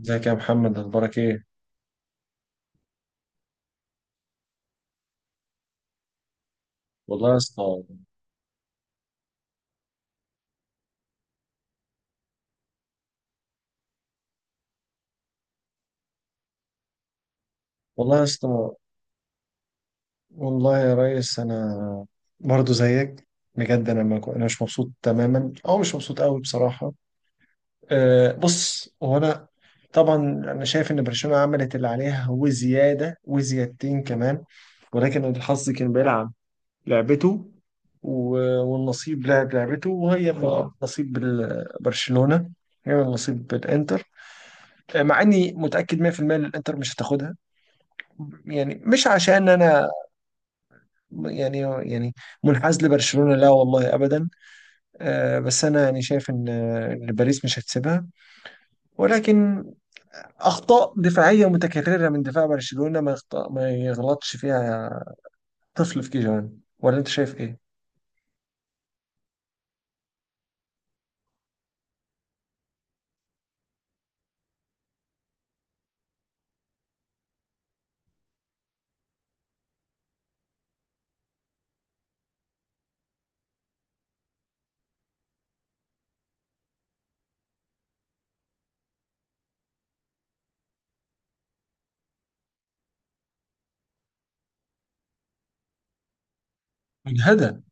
ازيك يا محمد، اخبارك ايه؟ والله يا اسطى. والله يا اسطى. والله يا ريس، انا برضو زيك. بجد انا ما كو- انا مش مبسوط تماما او مش مبسوط قوي بصراحه. أه، بص، هو انا طبعا انا شايف ان برشلونه عملت اللي عليها وزياده وزيادتين كمان، ولكن الحظ كان بيلعب لعبته والنصيب لعب لعبته، وهي من نصيب برشلونه، هي من نصيب الانتر، مع اني متاكد 100% ان الانتر مش هتاخدها، يعني مش عشان انا يعني يعني منحاز لبرشلونة، لا والله ابدا. آه، بس انا يعني شايف ان آه، إن باريس مش هتسيبها، ولكن اخطاء دفاعية متكررة من دفاع برشلونة ما يخطأ ما يغلطش فيها طفل في كيجان، ولا انت شايف ايه؟ مجهدة.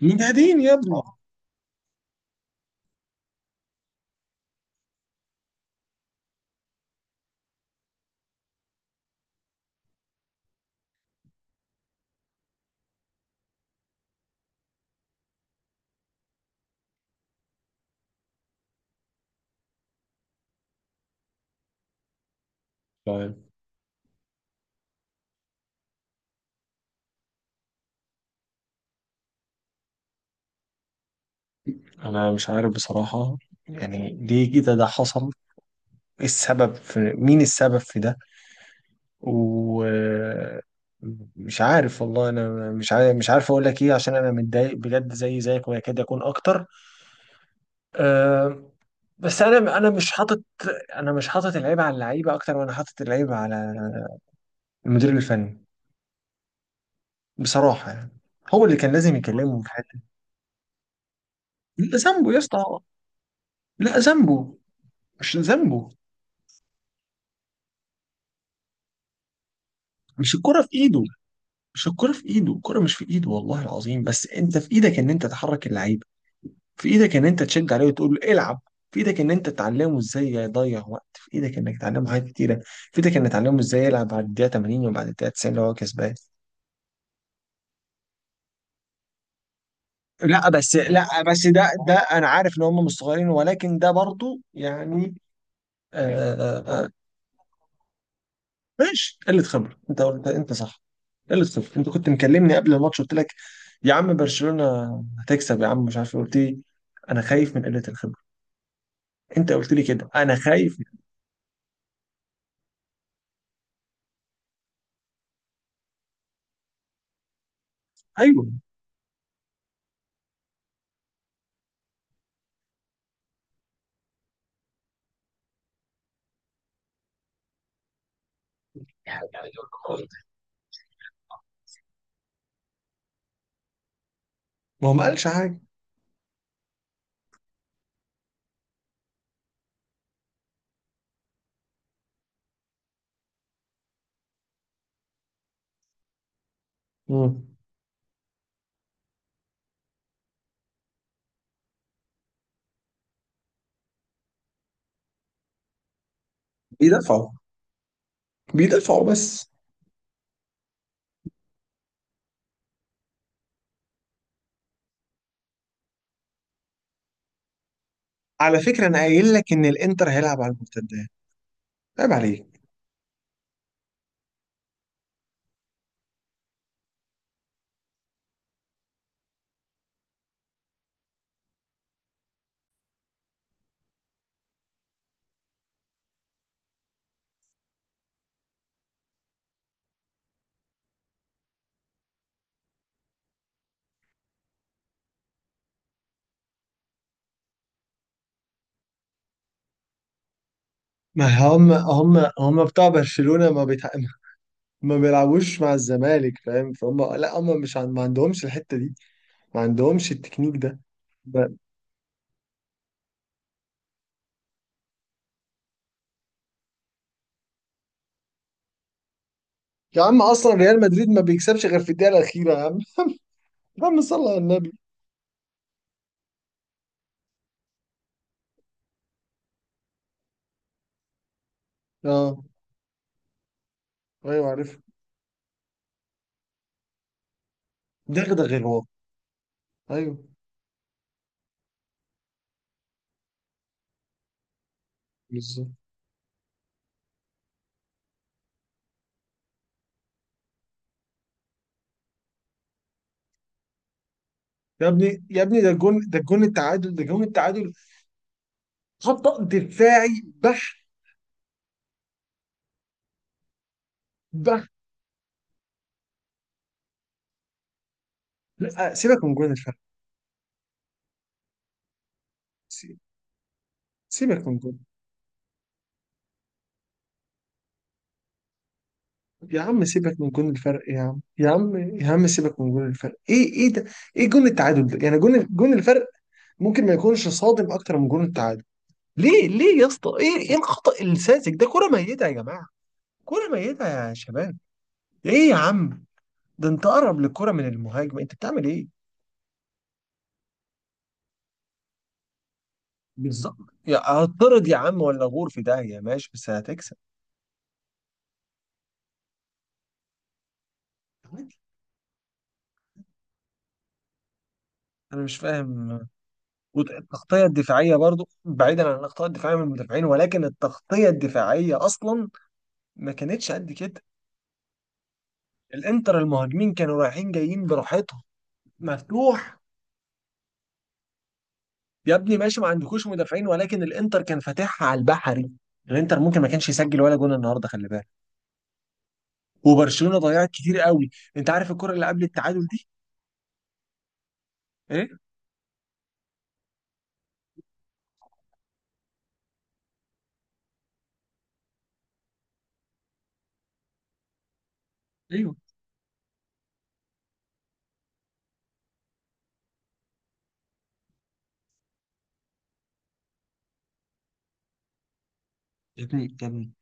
مجهدين يا ابني. طيب، انا مش عارف بصراحة، يعني ليه كده ده حصل؟ ايه السبب، في مين السبب في ده؟ ومش عارف، والله انا مش عارف، اقول لك ايه، عشان انا متضايق بجد زي زيك ويكاد يكون اكتر. أه، بس انا مش حاطط، انا مش حاطط العيب على اللعيبه اكتر، وانا حاطط العيب على المدير الفني بصراحه، يعني هو اللي كان لازم يكلمه في حته. لا ذنبه يا اسطى، لا ذنبه، مش ذنبه. مش الكره في ايده، مش الكره في ايده، الكره مش في ايده والله العظيم، بس انت في ايدك ان انت تحرك اللعيبه، في ايدك ان انت تشد عليه وتقول له العب، في ايدك ان انت تعلمه ازاي يضيع وقت، في ايدك انك تعلمه حاجات كتيره، في ايدك انك تعلمه ازاي يلعب بعد الدقيقه 80 وبعد الدقيقه 90 لو هو كسبان. لا بس ده انا عارف ان هم مش صغيرين، ولكن ده برضو يعني... آه، آه، آه، ماشي، قله خبره، انت صح، قله خبره. انت كنت مكلمني قبل الماتش، قلت لك يا عم برشلونه هتكسب، يا عم مش عارف إيه. قلت لي انا خايف من قله الخبره، انت قلت لي كده، انا خايف. ايوه، يعني ما هو ما قالش حاجه. مم. بيدافعوا بيدافعوا بس. على فكره، انا قايل لك ان الانتر هيلعب على المرتدات، عيب عليك. ما هم بتاع برشلونة ما بيلعبوش مع الزمالك، فاهم فهم، لا هم مش عن... ما عندهمش الحتة دي، ما عندهمش التكنيك ده، ب... يا عم اصلا ريال مدريد ما بيكسبش غير في الدقيقة الأخيرة يا عم. يا عم صلى على النبي. اه، ايوه عارف، دغدغ الوضع، ايوه بالظبط. يا ابني يا ابني، ده الجون، ده الجون التعادل، ده جون التعادل، خط دفاعي بح، بح. لا سيبك من جون الفرق، سي- سيبك من جون، يا عم سيبك من جون الفرق، يا عم، يا عم، يا عم سيبك من جون الفرق. ايه ايه ده؟ ايه جون التعادل ده؟ يعني جون الفرق ممكن ما يكونش صادم اكتر من جون التعادل؟ ليه ليه يا اسطى؟ ايه ايه الخطأ الساذج ده؟ كرة ميتة يا جماعة، كرة ميتة يا شباب. ايه يا عم، ده انت اقرب للكرة من المهاجم، انت بتعمل ايه؟ بالظبط، يا هتطرد يا عم ولا غور في داهية، ماشي بس هتكسب، عادي. انا مش فاهم. والتغطية الدفاعية برضو بعيدا عن الأخطاء الدفاعية من المدافعين، ولكن التغطية الدفاعية أصلا ما كانتش قد كده، الإنتر المهاجمين كانوا رايحين جايين براحتهم، مفتوح. يا ابني ماشي ما عندكوش مدافعين، ولكن الإنتر كان فاتحها على البحري، الإنتر ممكن ما كانش يسجل ولا جون النهارده، خلي بالك، وبرشلونة ضيعت كتير قوي. أنت عارف الكرة اللي قبل التعادل دي إيه؟ ايوه. يا ابني يا ابني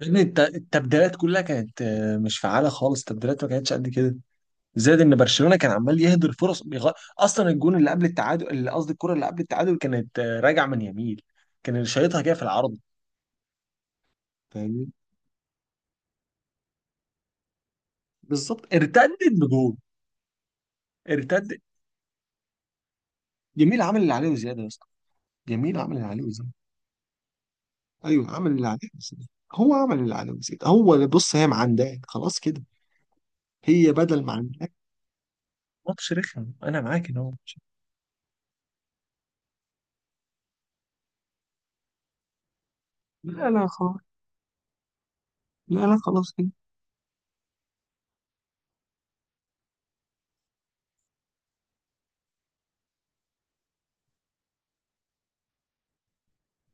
يا ابني، التبديلات كلها كانت مش فعالة خالص، التبديلات ما كانتش قد كده، زائد ان برشلونه كان عمال يهدر فرص اصلا الجون اللي قبل التعادل، اللي قصدي الكره اللي قبل التعادل، كانت راجعه من يميل، كان اللي شايطها كده في العرض، فاهمني؟ بالظبط، ارتدت بجول، ارتد. جميل عمل اللي عليه وزياده يا اسطى، جميل عمل اللي عليه وزياده، ايوه عمل اللي عليه وزياده، هو عمل اللي عليه وزياده، هو اللي بص هي معنداك خلاص كده، هي بدل ما عندك. ماتش رخم، انا معاك ان هو ماتش، لا لا خلاص، لا لا خلاص.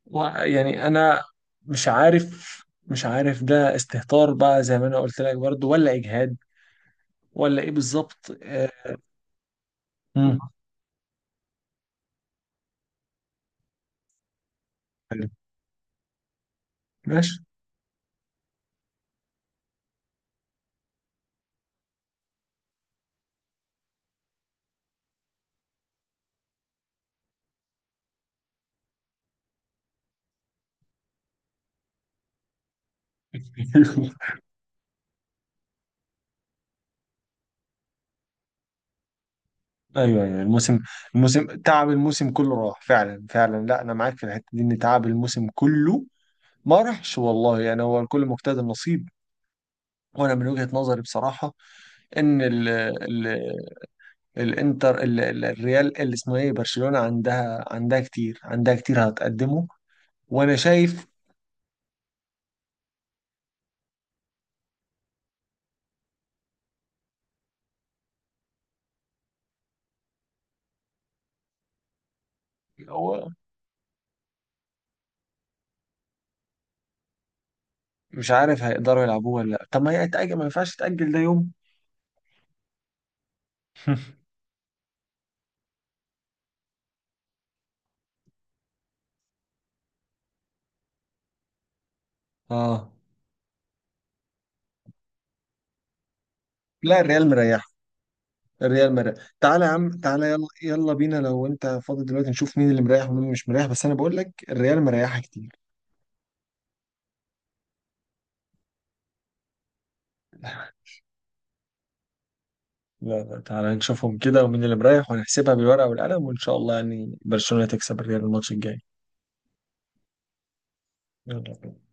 ويعني انا مش عارف، ده استهتار بقى زي ما انا قلت لك برضو، ولا اجهاد، ولا ايه بالظبط، مم. ماشي. ايوه، ايوه الموسم، الموسم تعب، الموسم كله راح فعلا فعلا، لا انا معاك في الحته دي ان تعب الموسم كله ما راحش، والله يعني هو الكل مجتهد، النصيب. وانا من وجهه نظري بصراحه ان ال ال الانتر ال ال الريال اللي اسمه ايه برشلونه عندها، عندها كتير، عندها كتير هتقدمه، وانا شايف هو. مش عارف هيقدروا يلعبوه ولا لا؟ طب ما هي يتأجل، ما ينفعش تأجل ده يوم؟ اه، لا الريال مريح، الريال مريح. تعالى يا عم تعالى، يلا يلا بينا لو انت فاضي دلوقتي نشوف مين اللي مريح ومين مش مريح، بس انا بقول لك الريال مريحه كتير. لا لا تعالى نشوفهم كده ومين اللي مريح، ونحسبها بالورقة والقلم، وان شاء الله يعني برشلونة تكسب الريال الماتش الجاي. يلا بينا.